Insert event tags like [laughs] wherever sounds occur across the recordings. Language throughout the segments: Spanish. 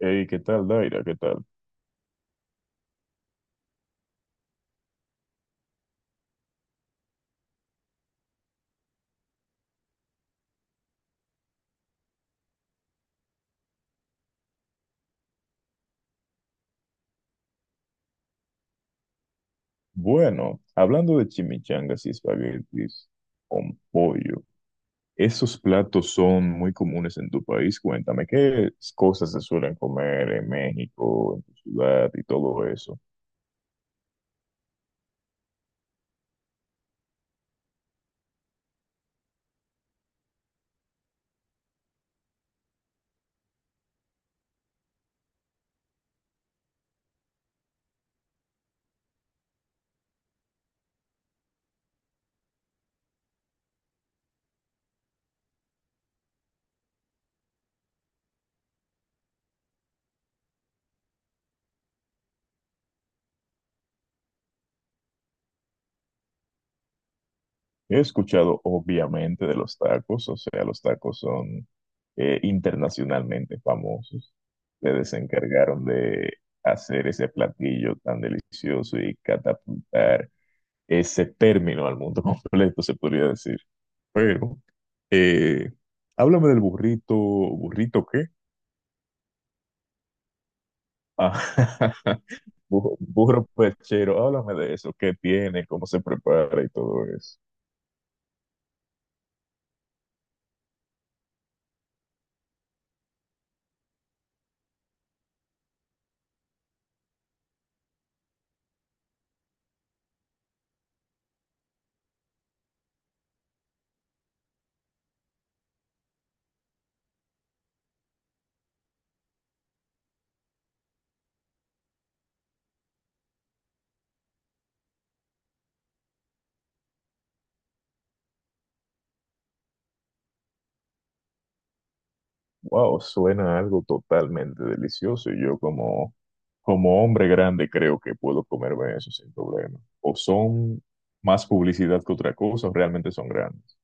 Hey, ¿qué tal, Daira? ¿Qué tal? Bueno, hablando de chimichangas y espaguetis con pollo, esos platos son muy comunes en tu país. Cuéntame, ¿qué cosas se suelen comer en México, en tu ciudad y todo eso? He escuchado, obviamente, de los tacos, o sea, los tacos son internacionalmente famosos. Ustedes se encargaron de hacer ese platillo tan delicioso y catapultar ese término al mundo [laughs] completo, se podría decir. Pero, eh, háblame del burrito, ¿burrito qué? Ah, [laughs] burro perchero, háblame de eso, qué tiene, cómo se prepara y todo eso. Wow, suena algo totalmente delicioso y yo como, como hombre grande creo que puedo comerme eso sin problema. ¿O son más publicidad que otra cosa, o realmente son grandes?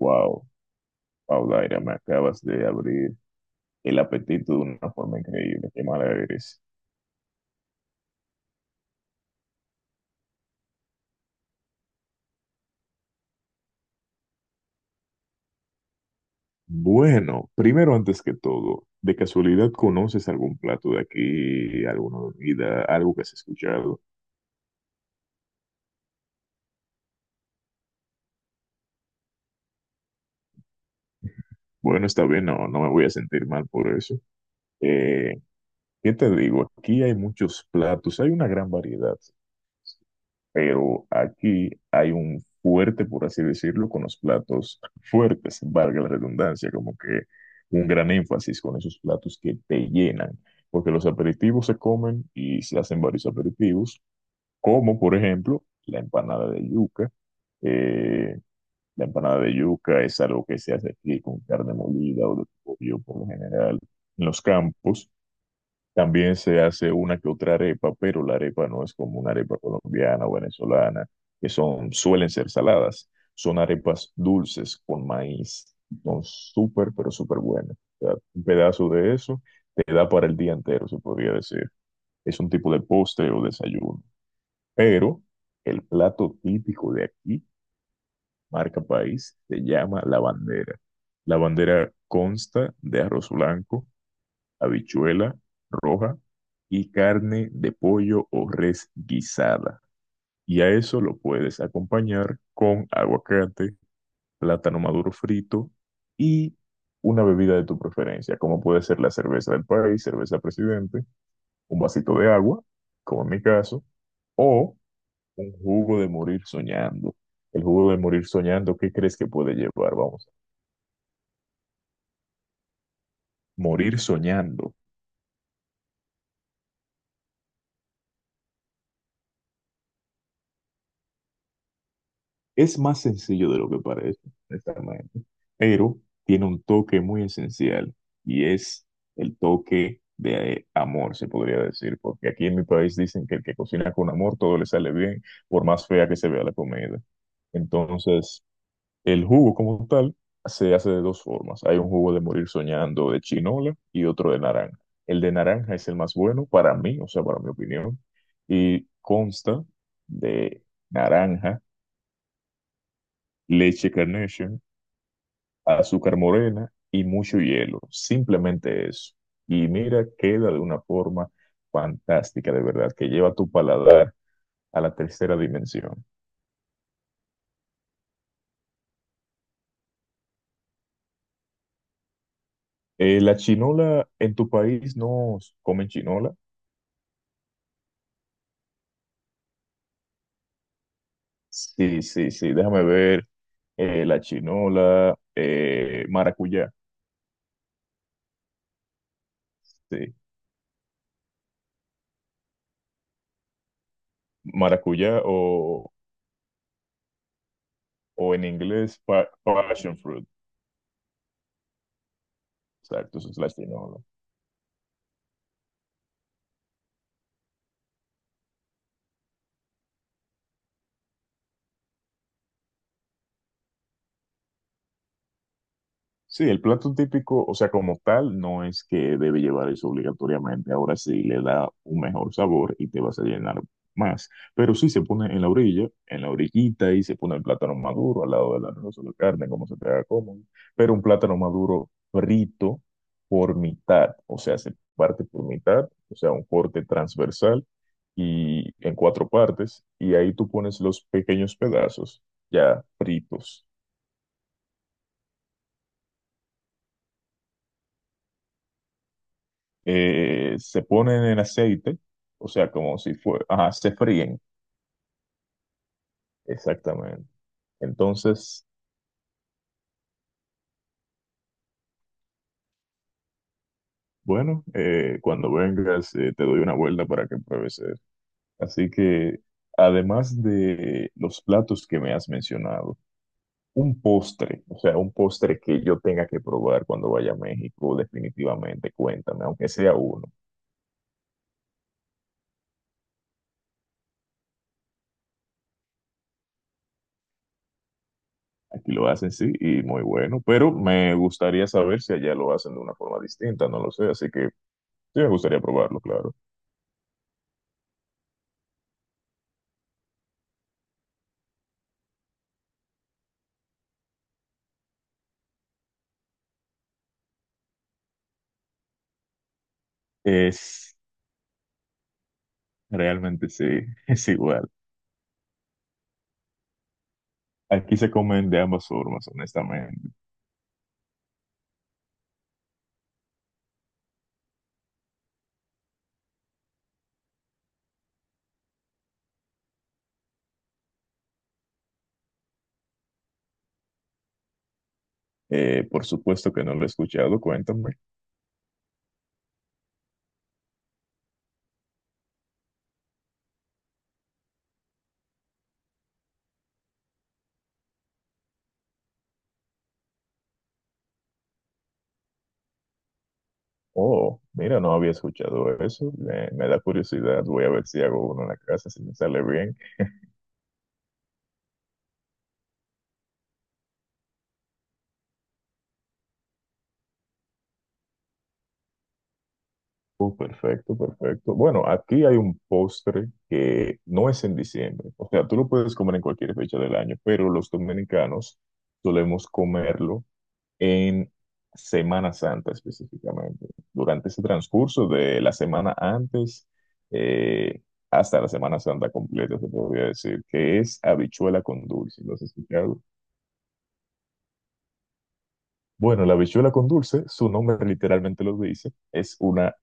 Wow, Paulaira, me acabas de abrir el apetito de una forma increíble, qué mala eres. Bueno, primero antes que todo, ¿de casualidad conoces algún plato de aquí, alguna bebida, algo que has escuchado? Bueno, está bien, no, no me voy a sentir mal por eso. Eh, ¿Qué te digo? Aquí hay muchos platos, hay una gran variedad, pero aquí hay un fuerte, por así decirlo, con los platos fuertes, valga la redundancia, como que un gran énfasis con esos platos que te llenan, porque los aperitivos se comen y se hacen varios aperitivos como por ejemplo la empanada de yuca. Eh, la empanada de yuca es algo que se hace aquí con carne molida o de pollo por lo general en los campos. También se hace una que otra arepa, pero la arepa no es como una arepa colombiana o venezolana, que son, suelen ser saladas. Son arepas dulces con maíz. Son súper, pero súper buenas. O sea, un pedazo de eso te da para el día entero, se podría decir. Es un tipo de postre o desayuno. Pero el plato típico de aquí, marca país, se llama la bandera. La bandera consta de arroz blanco, habichuela roja y carne de pollo o res guisada. Y a eso lo puedes acompañar con aguacate, plátano maduro frito y una bebida de tu preferencia, como puede ser la cerveza del país, cerveza presidente, un vasito de agua, como en mi caso, o un jugo de morir soñando. El jugo de morir soñando, ¿qué crees que puede llevar? Vamos, morir soñando. Es más sencillo de lo que parece, honestamente, pero tiene un toque muy esencial y es el toque de amor, se podría decir, porque aquí en mi país dicen que el que cocina con amor todo le sale bien, por más fea que se vea la comida. Entonces, el jugo como tal se hace de dos formas. Hay un jugo de morir soñando de chinola y otro de naranja. El de naranja es el más bueno para mí, o sea, para mi opinión, y consta de naranja, leche Carnation, azúcar morena y mucho hielo. Simplemente eso. Y mira, queda de una forma fantástica, de verdad, que lleva tu paladar a la tercera dimensión. La chinola, en tu país no comen chinola. Sí, sí, sí, déjame ver. La chinola, maracuyá, sí, maracuyá o en inglés passion fruit, exacto, esa es la chinola. Sí, el plato típico, o sea, como tal, no es que debe llevar eso obligatoriamente. Ahora sí le da un mejor sabor y te vas a llenar más. Pero sí se pone en la orilla, en la orillita y se pone el plátano maduro al lado del arroz o la carne, como se te haga cómodo. Pero un plátano maduro frito por mitad, o sea, se parte por mitad, o sea, un corte transversal y en cuatro partes. Y ahí tú pones los pequeños pedazos ya fritos. Se ponen en aceite, o sea, como si fuera, ajá, se fríen, exactamente. Entonces, bueno, cuando vengas, te doy una vuelta para que pruebes eso. Así que, además de los platos que me has mencionado, un postre, o sea, un postre que yo tenga que probar cuando vaya a México, definitivamente, cuéntame, aunque sea uno. Aquí lo hacen, sí, y muy bueno, pero me gustaría saber si allá lo hacen de una forma distinta, no lo sé, así que sí me gustaría probarlo, claro. Es realmente sí, [laughs] es igual. Aquí se comen de ambas formas, honestamente. Por supuesto que no lo he escuchado, cuéntame. Oh, mira, no había escuchado eso. Me da curiosidad. Voy a ver si hago uno en la casa, si me sale bien. Oh, perfecto, perfecto. Bueno, aquí hay un postre que no es en diciembre. O sea, tú lo puedes comer en cualquier fecha del año, pero los dominicanos solemos comerlo en Semana Santa específicamente. Durante ese transcurso de la semana antes eh, hasta la Semana Santa completa, se podría decir, que es habichuela con dulce. ¿Lo has escuchado? Bueno, la habichuela con dulce, su nombre literalmente lo dice, es una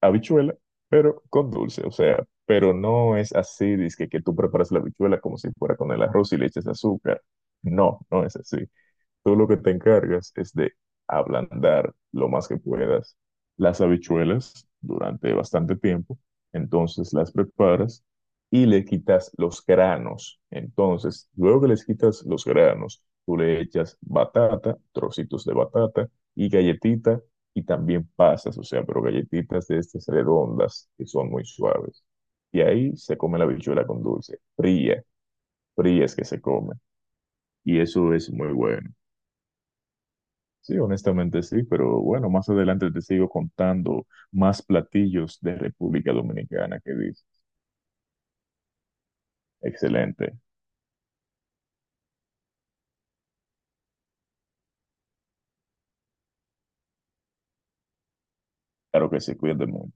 habichuela, pero con dulce, o sea, pero no es así, dice que tú preparas la habichuela como si fuera con el arroz y le echas azúcar. No, no es así. Tú lo que te encargas es de ablandar lo más que puedas las habichuelas durante bastante tiempo. Entonces las preparas y le quitas los granos. Entonces, luego que les quitas los granos, tú le echas batata, trocitos de batata y galletita y también pasas, o sea, pero galletitas de estas redondas que son muy suaves. Y ahí se come la habichuela con dulce, fría, fría es que se come. Y eso es muy bueno. Sí, honestamente sí, pero bueno, más adelante te sigo contando más platillos de República Dominicana que dice. Excelente. Claro que sí, cuídate mucho.